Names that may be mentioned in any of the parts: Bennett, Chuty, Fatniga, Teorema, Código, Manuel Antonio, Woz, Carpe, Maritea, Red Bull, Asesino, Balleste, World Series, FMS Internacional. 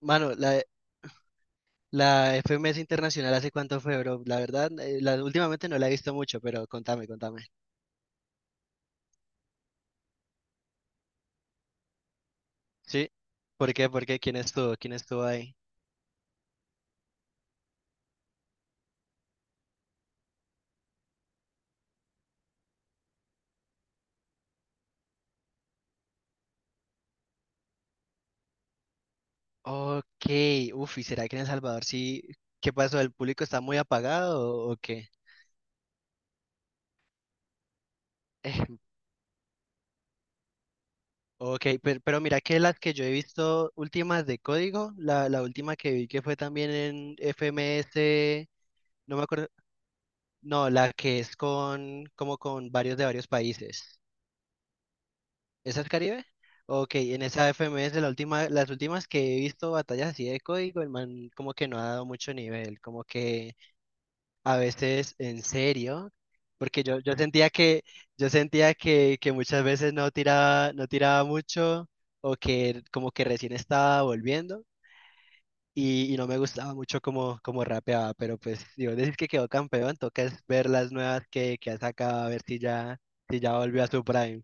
Mano, la FMS Internacional, ¿hace cuánto fue, bro? La verdad, últimamente no la he visto mucho, pero contame. ¿Sí? ¿Por qué? ¿Por qué? ¿Quién estuvo? ¿Quién estuvo ahí? Ok, uf, ¿y será que en El Salvador sí? ¿Qué pasó? ¿El público está muy apagado o qué? Eh, Ok, pero mira que las que yo he visto últimas de código, la última que vi que fue también en FMS, no me acuerdo, no, la que es con, como con varios de varios países. ¿Esa es Caribe? Ok, en esa FMS la última, las últimas que he visto batallas así de código, el man como que no ha dado mucho nivel, como que a veces en serio, porque yo sentía que muchas veces no tiraba, no tiraba mucho, o que como que recién estaba volviendo, y no me gustaba mucho como, como rapeaba, pero pues digo, decir que quedó campeón, toca es ver las nuevas que ha sacado, a ver si ya, si ya volvió a su prime.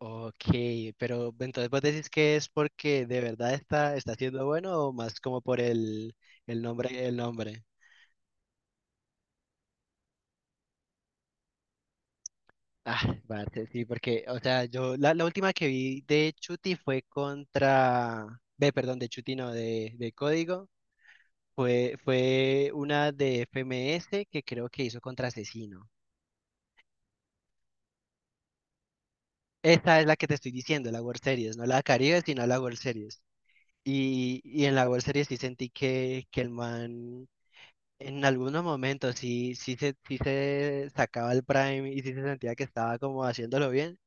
Ok, pero entonces vos decís que es porque de verdad está, está siendo bueno o más como por el, el nombre. Ah, vale, sí, porque, o sea, la última que vi de Chuti fue contra, ve, perdón, de Chuti no, de Código, fue, fue una de FMS que creo que hizo contra Asesino. Esta es la que te estoy diciendo, la World Series, no la Caribe, sino la World Series. Y en la World Series sí sentí que el man en algunos momentos sí, sí se sacaba el prime y sí se sentía que estaba como haciéndolo bien,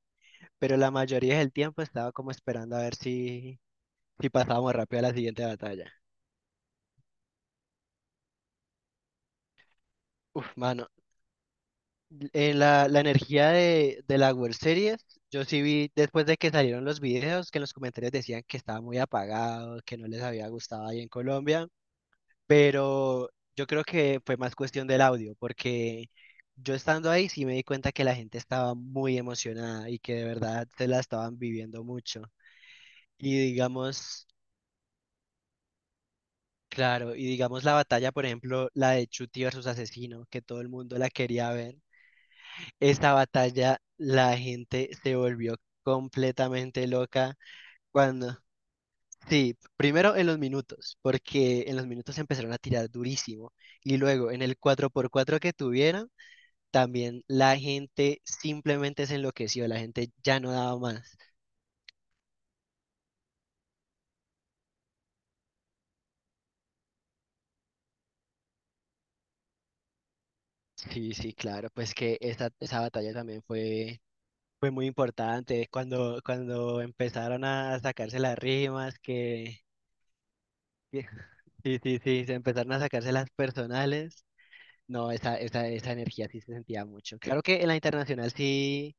pero la mayoría del tiempo estaba como esperando a ver si, si pasábamos rápido a la siguiente batalla. Uf, mano, en la energía de la World Series, yo sí vi después de que salieron los videos que en los comentarios decían que estaba muy apagado, que no les había gustado ahí en Colombia, pero yo creo que fue más cuestión del audio, porque yo estando ahí sí me di cuenta que la gente estaba muy emocionada y que de verdad se la estaban viviendo mucho. Y digamos, claro, y digamos la batalla, por ejemplo, la de Chuty versus Asesino, que todo el mundo la quería ver, esa batalla la gente se volvió completamente loca cuando... Sí, primero en los minutos, porque en los minutos empezaron a tirar durísimo y luego en el cuatro por cuatro que tuvieron también la gente simplemente se enloqueció, la gente ya no daba más. Sí, sí, claro, pues que esa batalla también fue, fue muy importante cuando, cuando empezaron a sacarse las rimas, que, que- sí, sí, sí, se empezaron a sacarse las personales. No, esa energía sí se sentía mucho. Claro que en la internacional sí,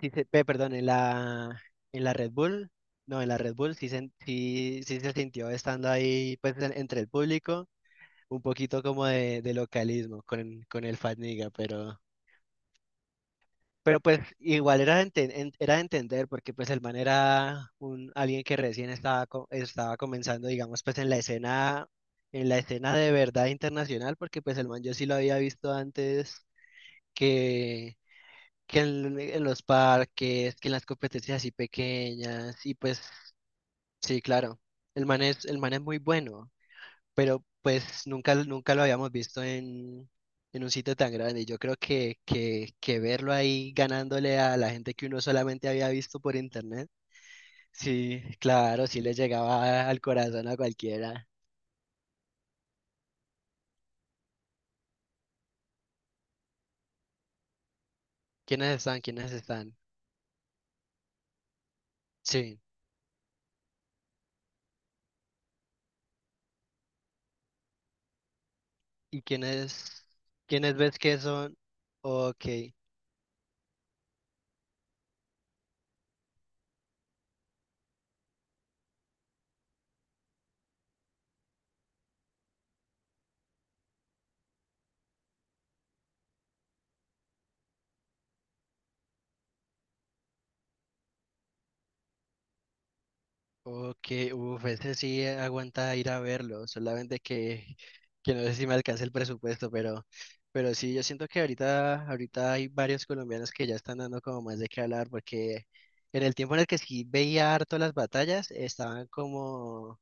perdón, en en la Red Bull, no, en la Red Bull sí se, sí se sintió estando ahí pues entre el público, un poquito como de localismo con el Fatniga, pero pues igual era de, era de entender porque pues el man era un, alguien que recién estaba, estaba comenzando, digamos, pues en la escena de verdad internacional, porque pues el man yo sí lo había visto antes que, que en los parques, que en las competencias así pequeñas, y pues sí, claro, el man es muy bueno, pero pues nunca lo habíamos visto en un sitio tan grande. Y yo creo que, que verlo ahí ganándole a la gente que uno solamente había visto por internet, sí, claro, sí le llegaba al corazón a cualquiera. ¿Quiénes están? ¿Quiénes están? Sí. ¿Y quiénes, quiénes ves que son? Ok. Ok, uff, ese sí aguanta ir a verlo, solamente que no sé si me alcanza el presupuesto, pero sí, yo siento que ahorita hay varios colombianos que ya están dando como más de qué hablar, porque en el tiempo en el que sí veía harto las batallas, estaban como,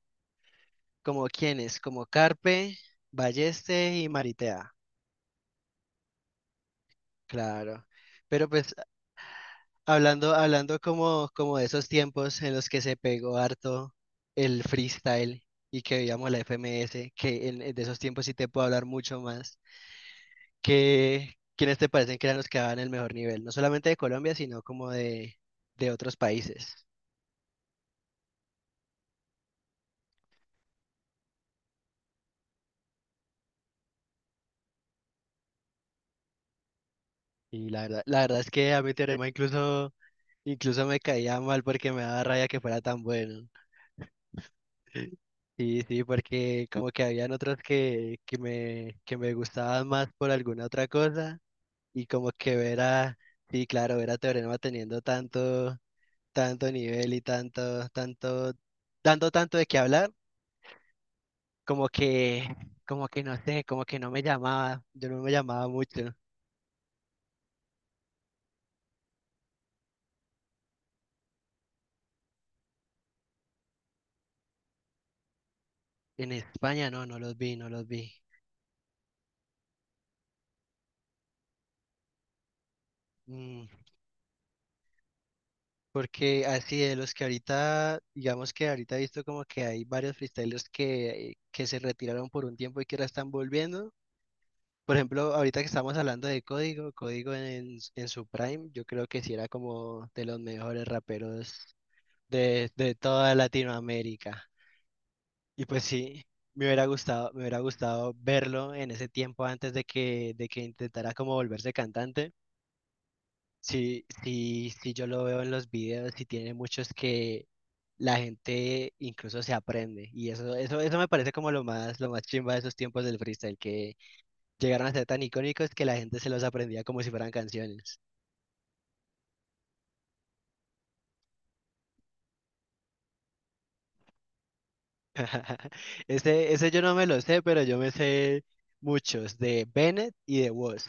como quiénes, como Carpe, Balleste y Maritea, claro, pero pues hablando, hablando como, como de esos tiempos en los que se pegó harto el freestyle y que veíamos la FMS, que en de esos tiempos sí te puedo hablar mucho más, que quiénes te parecen que eran los que daban el mejor nivel, no solamente de Colombia, sino como de otros países. Y la verdad es que a mi teorema incluso, incluso me caía mal porque me daba rabia que fuera tan bueno. Sí, sí, porque como que habían otros que, que me gustaban más por alguna otra cosa y como que sí, claro, ver a Teorema teniendo tanto, tanto nivel y tanto, tanto, dando tanto de qué hablar, como que, como que no sé, como que no me llamaba, yo no me llamaba mucho. En España no, no los vi, no los vi. Mm, porque así de los que ahorita, digamos que ahorita he visto como que hay varios freestylers que se retiraron por un tiempo y que ahora están volviendo. Por ejemplo, ahorita que estamos hablando de Código, Código en su prime, yo creo que sí era como de los mejores raperos de toda Latinoamérica. Y pues sí, me hubiera gustado verlo en ese tiempo antes de que intentara como volverse cantante. Sí, sí, sí, yo lo veo en los videos y tiene muchos que la gente incluso se aprende. Y eso me parece como lo más chimba de esos tiempos del freestyle, que llegaron a ser tan icónicos que la gente se los aprendía como si fueran canciones. Ese yo no me lo sé, pero yo me sé muchos, de Bennett y de Woz.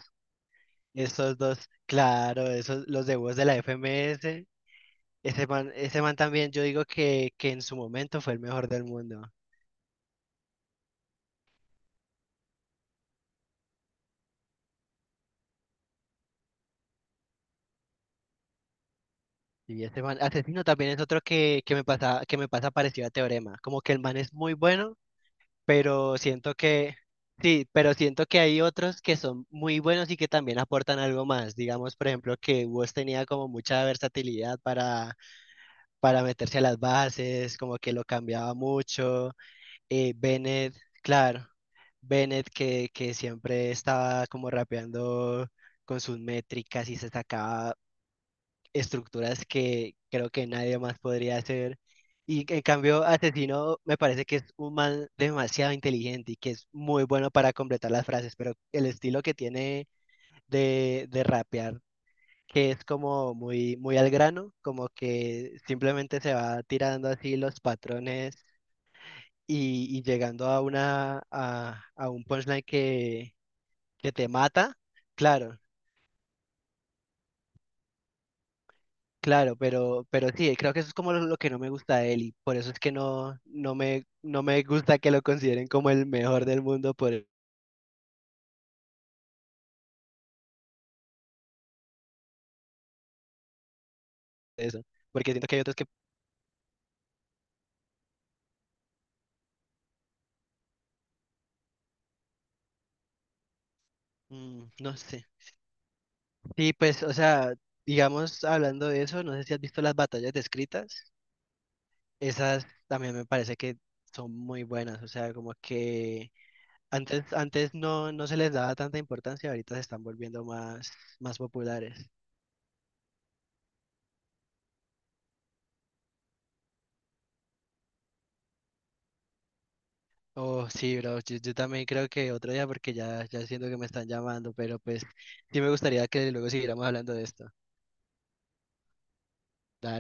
Esos dos, claro, esos, los de Woz de la FMS. Ese man también, yo digo que en su momento fue el mejor del mundo. Y ese man, Asesino también es otro que, que me pasa parecido a Teorema. Como que el man es muy bueno, pero siento que, sí, pero siento que hay otros que son muy buenos y que también aportan algo más. Digamos, por ejemplo, que Woz tenía como mucha versatilidad para meterse a las bases, como que lo cambiaba mucho. Bennett, claro, Bennett que siempre estaba como rapeando con sus métricas y se sacaba estructuras que creo que nadie más podría hacer. Y en cambio, Asesino me parece que es un man demasiado inteligente y que es muy bueno para completar las frases, pero el estilo que tiene de rapear, que es como muy, muy al grano, como que simplemente se va tirando así los patrones y llegando a una, a un punchline que te mata. Claro, Claro, pero sí, creo que eso es como lo que no me gusta de él y por eso es que no, no me gusta que lo consideren como el mejor del mundo por eso, porque siento que hay otros que, mm, no sé. Sí, pues, o sea, digamos, hablando de eso, no sé si has visto las batallas descritas, esas también me parece que son muy buenas, o sea, como que antes no, no se les daba tanta importancia, ahorita se están volviendo más, más populares. Oh, sí, bro, yo también creo que otro día porque ya, ya siento que me están llamando, pero pues sí me gustaría que luego siguiéramos hablando de esto. Dale.